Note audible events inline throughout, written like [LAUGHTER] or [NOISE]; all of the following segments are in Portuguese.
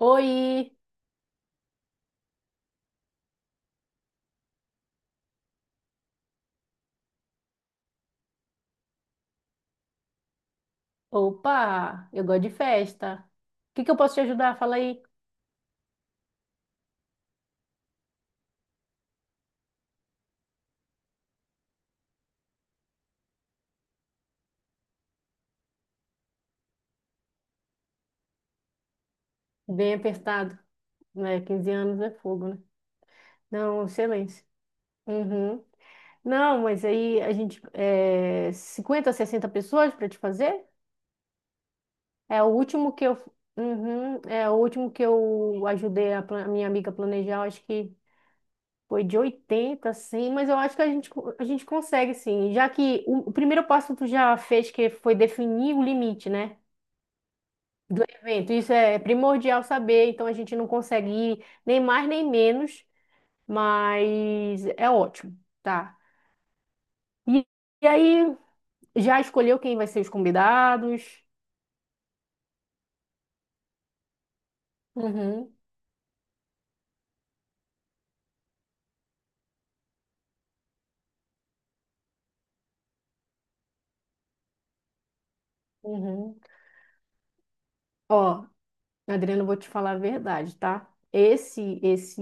Oi! Opa! Eu gosto de festa. O que que eu posso te ajudar? Fala aí. Bem apertado, né? 15 anos é fogo, né? Não, excelência. Uhum. Não, mas aí a gente... É, 50, 60 pessoas para te fazer? É o último que eu... Uhum, é o último que eu ajudei a minha amiga a planejar, eu acho que foi de 80, assim, mas eu acho que a gente consegue, sim. Já que o primeiro passo tu já fez, que foi definir o limite, né, do evento. Isso é primordial saber, então a gente não consegue ir nem mais nem menos, mas é ótimo, tá? E, e aí, já escolheu quem vai ser os convidados? Uhum, uhum. Ó, Adriana, eu vou te falar a verdade, tá? Esse, esse,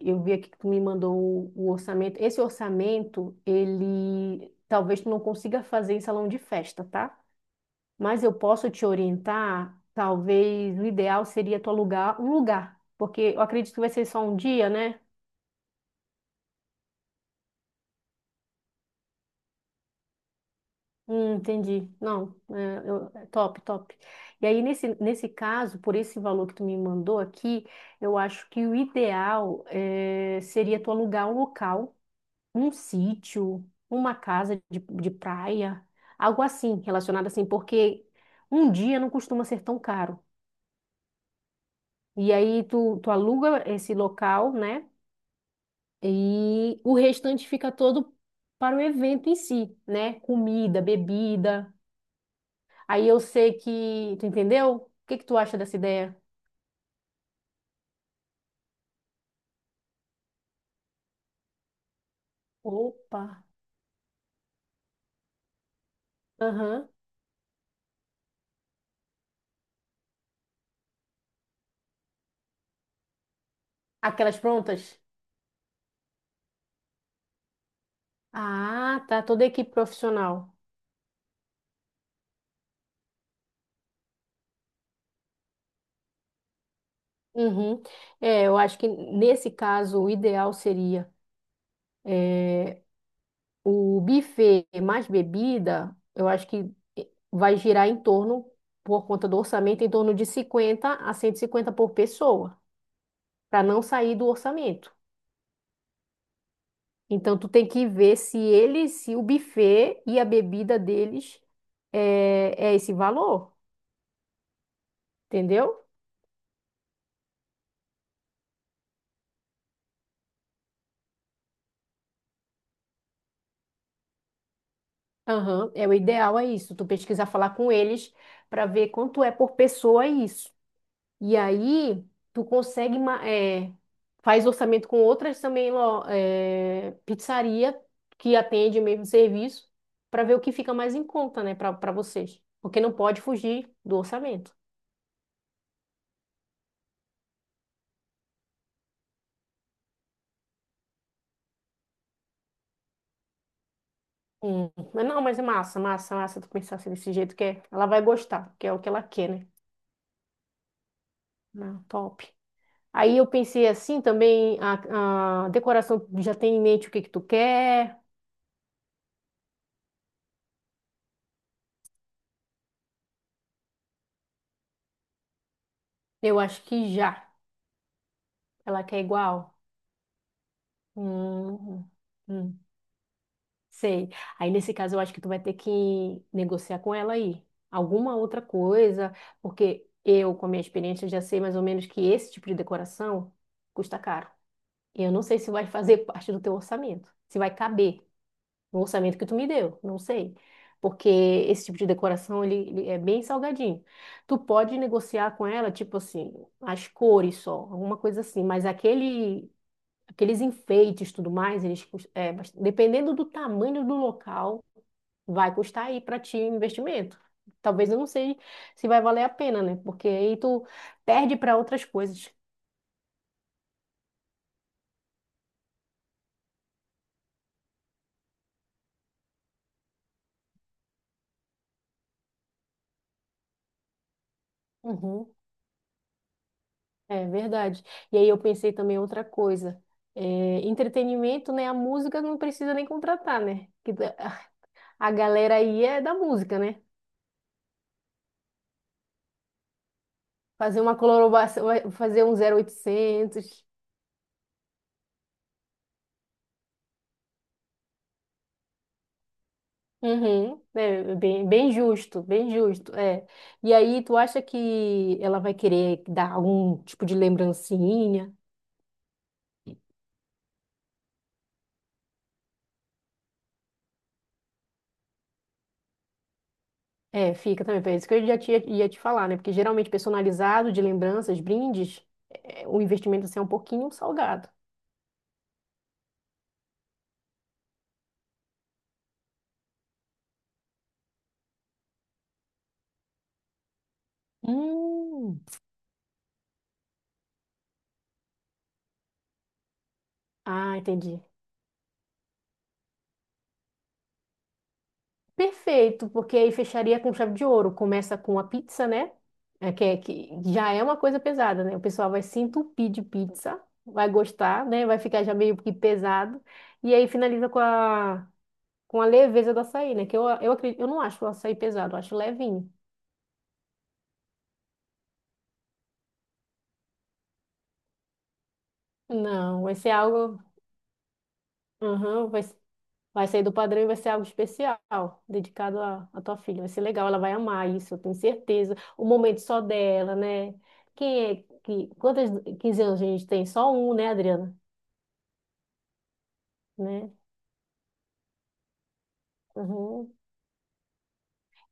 eu vi aqui que tu me mandou o orçamento. Esse orçamento, ele talvez tu não consiga fazer em salão de festa, tá, mas eu posso te orientar. Talvez o ideal seria tu alugar um lugar, porque eu acredito que vai ser só um dia, né? Entendi. Não, é, é top, top. E aí, nesse caso, por esse valor que tu me mandou aqui, eu acho que o ideal seria tu alugar um local, um sítio, uma casa de praia, algo assim, relacionado assim, porque um dia não costuma ser tão caro. E aí, tu aluga esse local, né? E o restante fica todo para o evento em si, né? Comida, bebida. Aí tu entendeu? O que que tu acha dessa ideia? Opa. Aham. Aquelas prontas? Ah, tá, toda a equipe profissional. Uhum. É, eu acho que nesse caso o ideal seria é, o buffet mais bebida, eu acho que vai girar em torno, por conta do orçamento, em torno de 50 a 150 por pessoa. Para não sair do orçamento. Então tu tem que ver se se o buffet e a bebida deles é esse valor, entendeu? Aham, o ideal é isso. Tu pesquisar, falar com eles para ver quanto é por pessoa é isso. E aí tu consegue faz orçamento com outras também pizzaria que atende o mesmo serviço para ver o que fica mais em conta, né, para vocês, porque não pode fugir do orçamento. Mas não, mas é massa, massa, massa tu pensar assim desse jeito, ela vai gostar, que é o que ela quer, né? Não, top. Aí eu pensei assim também, a decoração, tu já tem em mente o que que tu quer? Eu acho que já. Ela quer igual? Hum, hum, sei. Aí nesse caso eu acho que tu vai ter que negociar com ela aí. Alguma outra coisa, porque eu, com a minha experiência, já sei mais ou menos que esse tipo de decoração custa caro. E eu não sei se vai fazer parte do teu orçamento, se vai caber no orçamento que tu me deu, não sei. Porque esse tipo de decoração, ele é bem salgadinho. Tu pode negociar com ela, tipo assim, as cores só, alguma coisa assim, mas aqueles enfeites, tudo mais, eles, cus- é, bas- dependendo do tamanho do local, vai custar aí para ti o investimento. Talvez eu não sei se vai valer a pena, né? Porque aí tu perde para outras coisas. Uhum. É verdade. E aí eu pensei também outra coisa. É, entretenimento, né? A música não precisa nem contratar, né? [LAUGHS] A galera aí é da música, né? Fazer uma colaboração, fazer um 0800. Uhum. É, bem justo, bem justo, é. E aí, tu acha que ela vai querer dar algum tipo de lembrancinha? É, fica também, é isso que eu já tinha, ia te falar, né? Porque geralmente personalizado, de lembranças, brindes, o investimento assim, é um pouquinho salgado. Hum. Ah, entendi. Perfeito, porque aí fecharia com chave de ouro. Começa com a pizza, né? É que já é uma coisa pesada, né? O pessoal vai se entupir de pizza, vai gostar, né? Vai ficar já meio que pesado. E aí finaliza com a leveza do açaí, né? Que eu acredito, eu não acho o açaí pesado, eu acho levinho. Não, vai ser algo. Aham, Vai sair do padrão e vai ser algo especial, dedicado à tua filha. Vai ser legal, ela vai amar isso, eu tenho certeza. O momento só dela, né? Quem é que. Quantas 15 anos a gente tem? Só um, né, Adriana? Né? Uhum.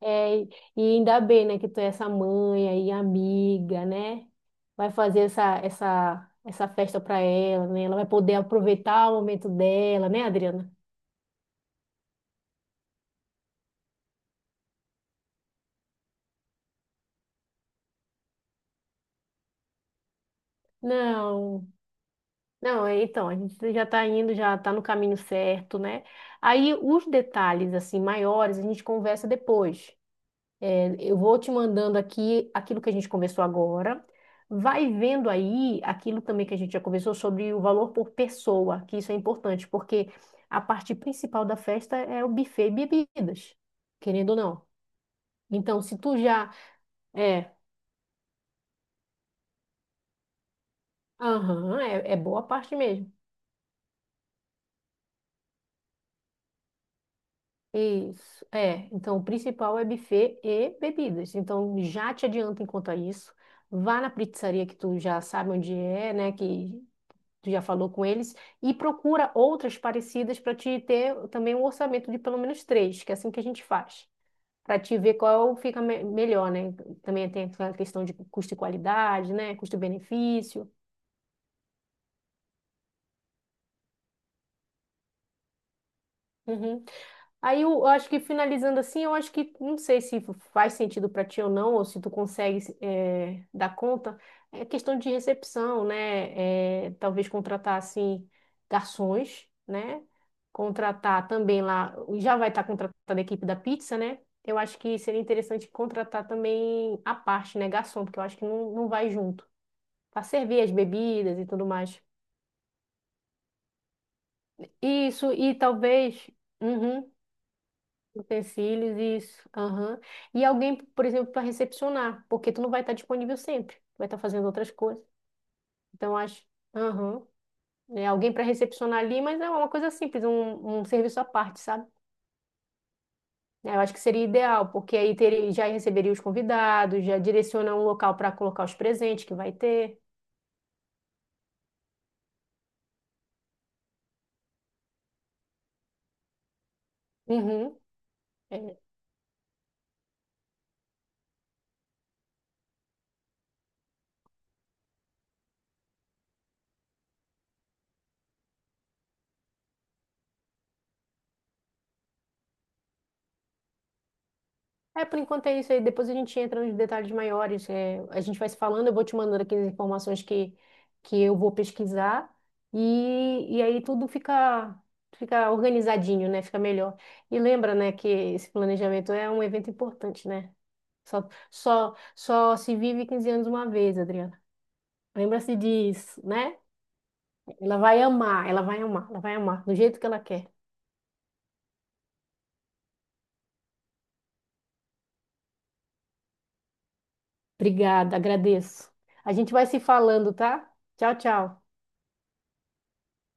E ainda bem, né, que tu é essa mãe aí, amiga, né? Vai fazer essa festa pra ela, né? Ela vai poder aproveitar o momento dela, né, Adriana? Não. Não, então, a gente já está indo, já está no caminho certo, né? Aí os detalhes, assim, maiores, a gente conversa depois. É, eu vou te mandando aqui aquilo que a gente conversou agora. Vai vendo aí aquilo também que a gente já conversou sobre o valor por pessoa, que isso é importante, porque a parte principal da festa é o buffet e bebidas, querendo ou não. Então, se tu já... É, aham, é boa parte mesmo. Isso, é. Então, o principal é buffet e bebidas. Então, já te adianta enquanto a isso. Vá na pizzaria que tu já sabe onde é, né? Que tu já falou com eles. E procura outras parecidas para te ter também um orçamento de pelo menos 3, que é assim que a gente faz. Para te ver qual fica melhor, né? Também tem a questão de custo e qualidade, né? Custo-benefício. Uhum. Aí eu acho que finalizando assim, eu acho que não sei se faz sentido para ti ou não, ou se tu consegue dar conta, é questão de recepção, né? Talvez contratar assim garçons, né? Contratar também lá, já vai estar contratada a equipe da pizza, né? Eu acho que seria interessante contratar também a parte, né, garçom, porque eu acho que não, não vai junto, para servir as bebidas e tudo mais. Isso, e talvez. Uhum. Utensílios, isso. Aham. E alguém, por exemplo, para recepcionar, porque tu não vai estar disponível sempre, tu vai estar fazendo outras coisas. Então, eu acho. Aham. É, alguém para recepcionar ali, mas é uma coisa simples, um serviço à parte, sabe? É, eu acho que seria ideal, porque aí teria, já receberia os convidados, já direciona um local para colocar os presentes que vai ter. Uhum. é. É, por enquanto é isso aí. Depois a gente entra nos detalhes maiores. É, a gente vai se falando, eu vou te mandando aqui as informações que eu vou pesquisar. E aí tudo fica organizadinho, né? Fica melhor. E lembra, né, que esse planejamento é um evento importante, né? Só se vive 15 anos uma vez, Adriana. Lembra-se disso, né? Ela vai amar, ela vai amar, ela vai amar, do jeito que ela quer. Obrigada, agradeço. A gente vai se falando, tá? Tchau, tchau.